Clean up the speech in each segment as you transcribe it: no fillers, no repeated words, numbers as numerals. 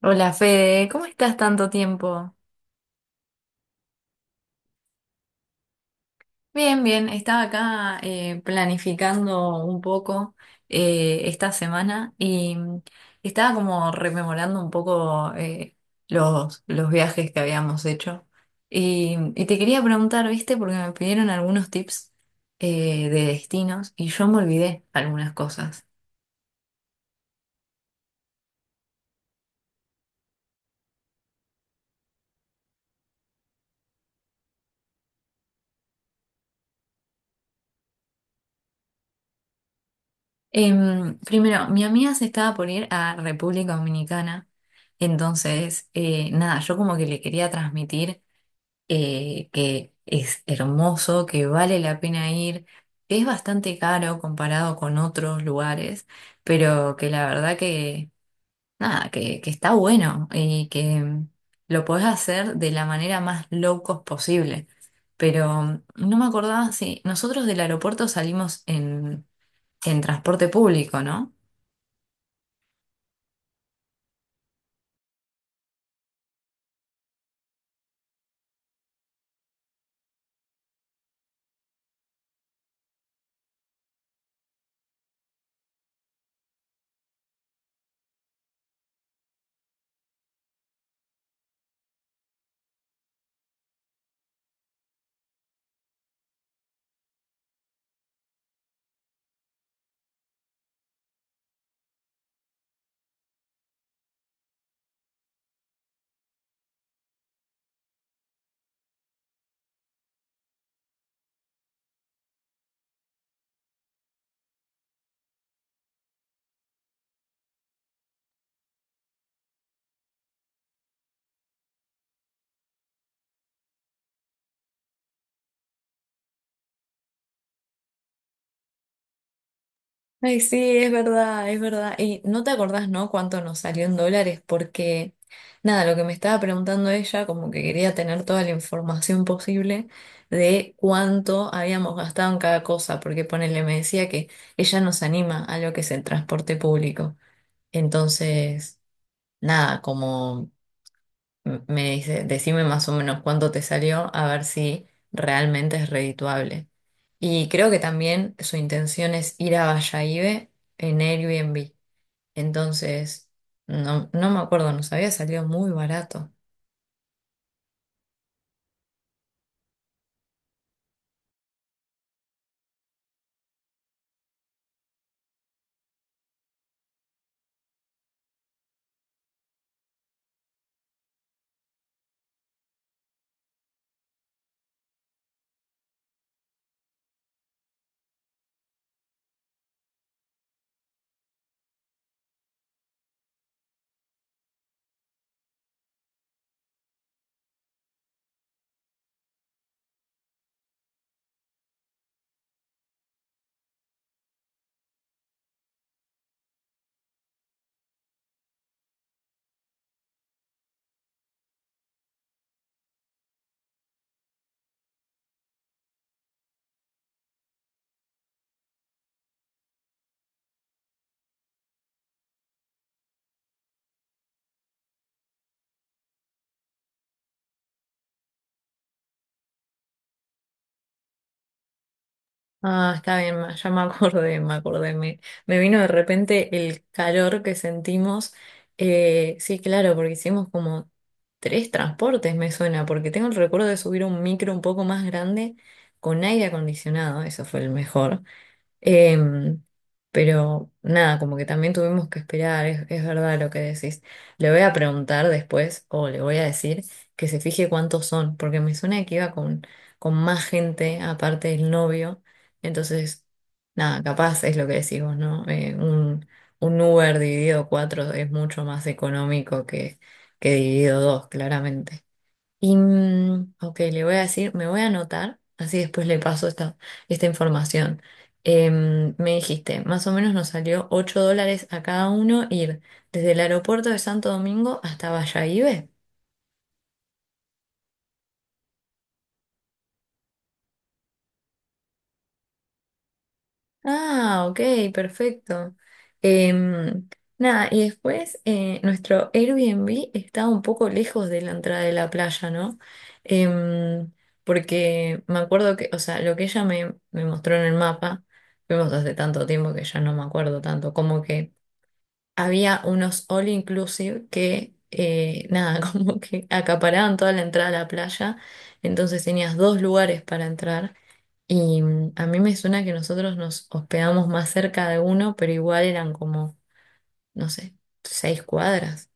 Hola Fede, ¿cómo estás tanto tiempo? Bien, bien, estaba acá planificando un poco esta semana y estaba como rememorando un poco los viajes que habíamos hecho. Y te quería preguntar, ¿viste? Porque me pidieron algunos tips de destinos y yo me olvidé algunas cosas. Primero, mi amiga se estaba por ir a República Dominicana. Entonces, nada, yo como que le quería transmitir que es hermoso, que vale la pena ir, que es bastante caro comparado con otros lugares, pero que la verdad que, nada, que está bueno y que lo podés hacer de la manera más low cost posible. Pero no me acordaba si nosotros del aeropuerto salimos en transporte público, ¿no? Ay, sí, es verdad, es verdad. Y no te acordás, ¿no? Cuánto nos salió en dólares, porque nada, lo que me estaba preguntando ella, como que quería tener toda la información posible de cuánto habíamos gastado en cada cosa, porque ponele, me decía que ella nos anima a lo que es el transporte público. Entonces, nada, como me dice, decime más o menos cuánto te salió, a ver si realmente es redituable. Y creo que también su intención es ir a Bayahibe en Airbnb. Entonces, no, no me acuerdo, nos había salido muy barato. Ah, está bien, ya me acordé, me acordé. Me vino de repente el calor que sentimos. Sí, claro, porque hicimos como tres transportes, me suena, porque tengo el recuerdo de subir a un micro un poco más grande con aire acondicionado, eso fue el mejor. Em, pero nada, como que también tuvimos que esperar, es verdad lo que decís. Le voy a preguntar después, o le voy a decir, que se fije cuántos son, porque me suena que iba con más gente, aparte del novio. Entonces, nada, capaz es lo que decís vos, ¿no? Un Uber dividido cuatro es mucho más económico que dividido dos, claramente. Y, ok, le voy a decir, me voy a anotar, así después le paso esta información. Me dijiste, más o menos nos salió $8 a cada uno ir desde el aeropuerto de Santo Domingo hasta Bayahibe. Ah, ok, perfecto. Em, Nada, y después nuestro Airbnb está un poco lejos de la entrada de la playa, ¿no? Em, Porque me acuerdo que, o sea, lo que ella me mostró en el mapa, fuimos hace tanto tiempo que ya no me acuerdo tanto, como que había unos all inclusive que, nada, como que acaparaban toda la entrada a la playa, entonces tenías dos lugares para entrar. Y a mí me suena que nosotros nos hospedamos más cerca de uno, pero igual eran como, no sé, 6 cuadras.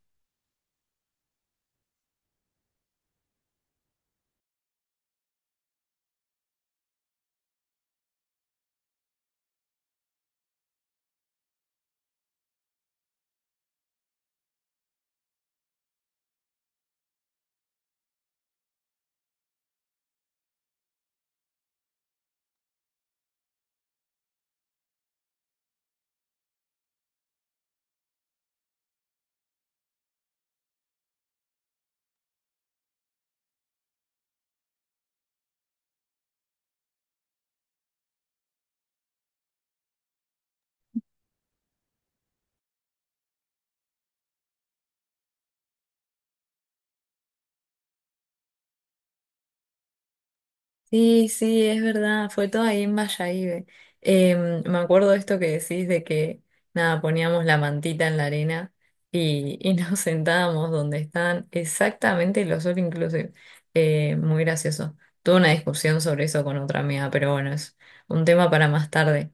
Sí, sí, es verdad, fue todo ahí en Vallaíbe. Me acuerdo esto que decís de que, nada, poníamos la mantita en la arena y nos sentábamos donde están exactamente los all inclusive. Muy gracioso. Tuve una discusión sobre eso con otra amiga, pero bueno, es un tema para más tarde.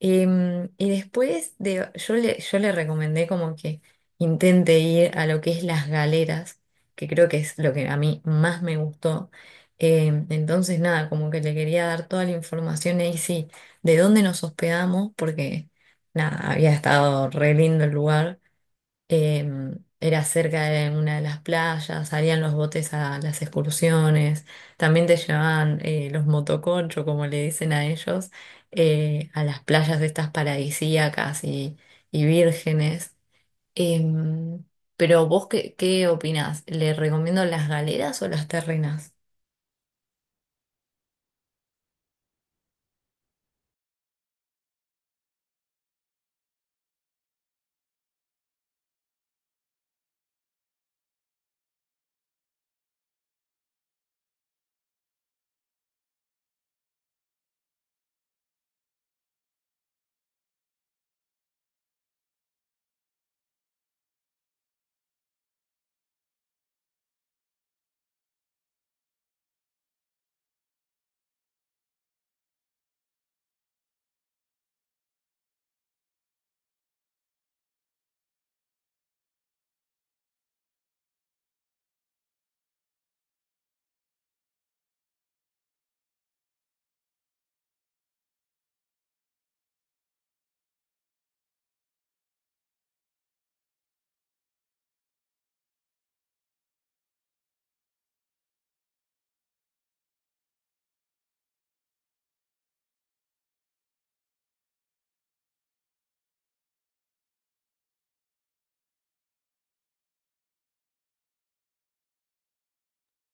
Y después yo le recomendé como que intente ir a lo que es las galeras, que creo que es lo que a mí más me gustó. Entonces, nada, como que le quería dar toda la información ahí, sí, de dónde nos hospedamos, porque nada, había estado re lindo el lugar. Eh, Era cerca de una de las playas, salían los botes a las excursiones, también te llevaban los motoconchos, como le dicen a ellos, a las playas de estas paradisíacas y vírgenes. Em, pero vos, ¿qué opinás? ¿Le recomiendo las galeras o las terrenas?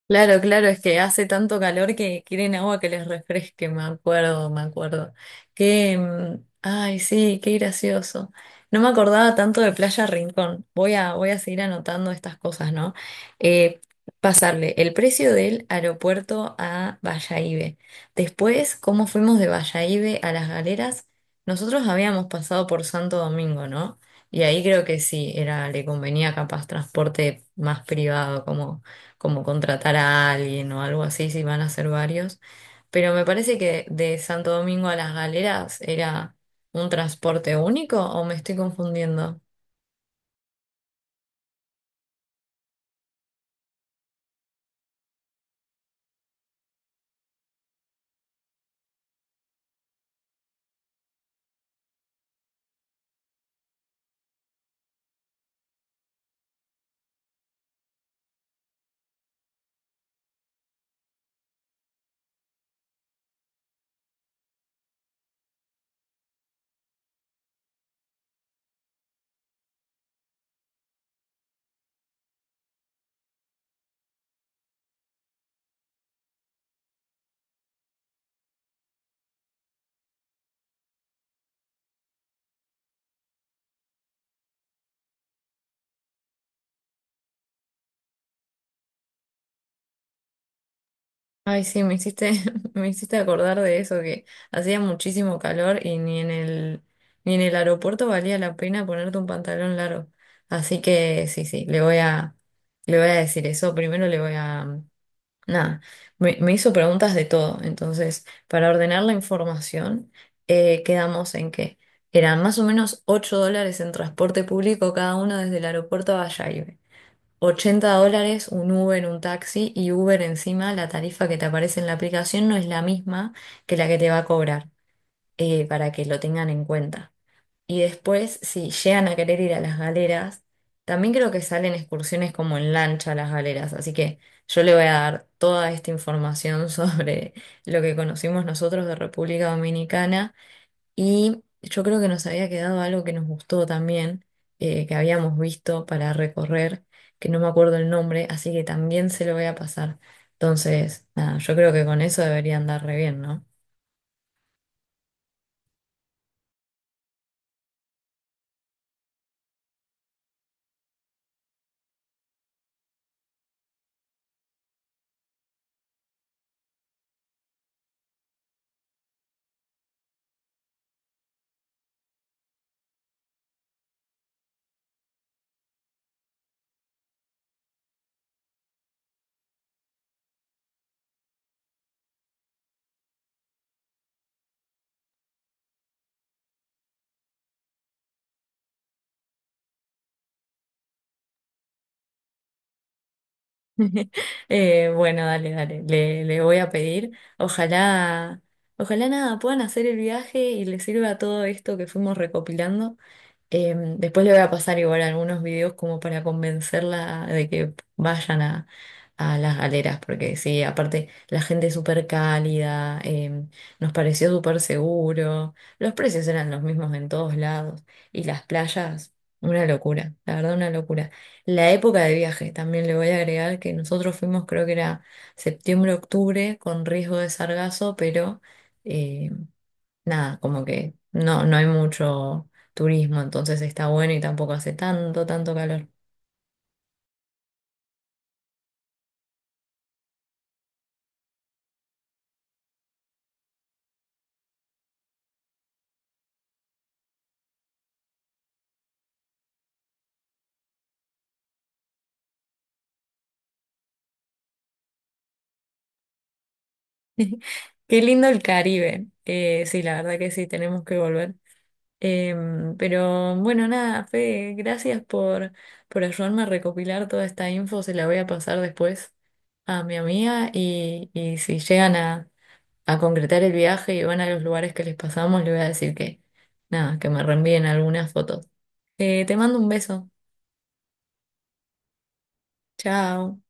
Claro, claro, es que hace tanto calor que quieren agua que les refresque, me acuerdo, me acuerdo. Que, ay, sí, qué gracioso. No me acordaba tanto de Playa Rincón. Voy a seguir anotando estas cosas, ¿no? Eh, Pasarle el precio del aeropuerto a Bayahibe. Después, cómo fuimos de Bayahibe a Las Galeras. Nosotros habíamos pasado por Santo Domingo, ¿no? Y ahí creo que sí, era, le convenía capaz transporte más privado, como contratar a alguien o algo así, si van a ser varios. Pero me parece que de Santo Domingo a Las Galeras era un transporte único o me estoy confundiendo. Ay, sí, me hiciste, me hiciste acordar de eso, que hacía muchísimo calor y ni en el aeropuerto valía la pena ponerte un pantalón largo. Así que sí, sí, le voy a decir eso. Primero nada, me hizo preguntas de todo. Entonces, para ordenar la información, quedamos en que eran más o menos $8 en transporte público cada uno desde el aeropuerto a Bayahibe. $80 un Uber, un taxi y Uber encima, la tarifa que te aparece en la aplicación no es la misma que la que te va a cobrar, para que lo tengan en cuenta. Y después, si llegan a querer ir a las galeras, también creo que salen excursiones como en lancha a las galeras. Así que yo le voy a dar toda esta información sobre lo que conocimos nosotros de República Dominicana. Y yo creo que nos había quedado algo que nos gustó también, que habíamos visto para recorrer, que no me acuerdo el nombre, así que también se lo voy a pasar. Entonces, nada, yo creo que con eso deberían andar re bien, ¿no? Bueno, dale, dale, le voy a pedir. Ojalá, ojalá nada, puedan hacer el viaje y les sirva todo esto que fuimos recopilando. Después le voy a pasar igual algunos videos como para convencerla de que vayan a las galeras, porque sí, aparte la gente es súper cálida, nos pareció súper seguro, los precios eran los mismos en todos lados y las playas, una locura, la verdad una locura. La época de viaje, también le voy a agregar que nosotros fuimos creo que era septiembre, octubre, con riesgo de sargazo, pero eh, nada, como que no, no hay mucho turismo, entonces está bueno y tampoco hace tanto, tanto calor. Qué lindo el Caribe. Sí, la verdad que sí, tenemos que volver. Pero bueno, nada, Fede, gracias por ayudarme a recopilar toda esta info. Se la voy a pasar después a mi amiga y si llegan a concretar el viaje y van a los lugares que les pasamos, le voy a decir que, nada, que me reenvíen algunas fotos. Te mando un beso. Chao.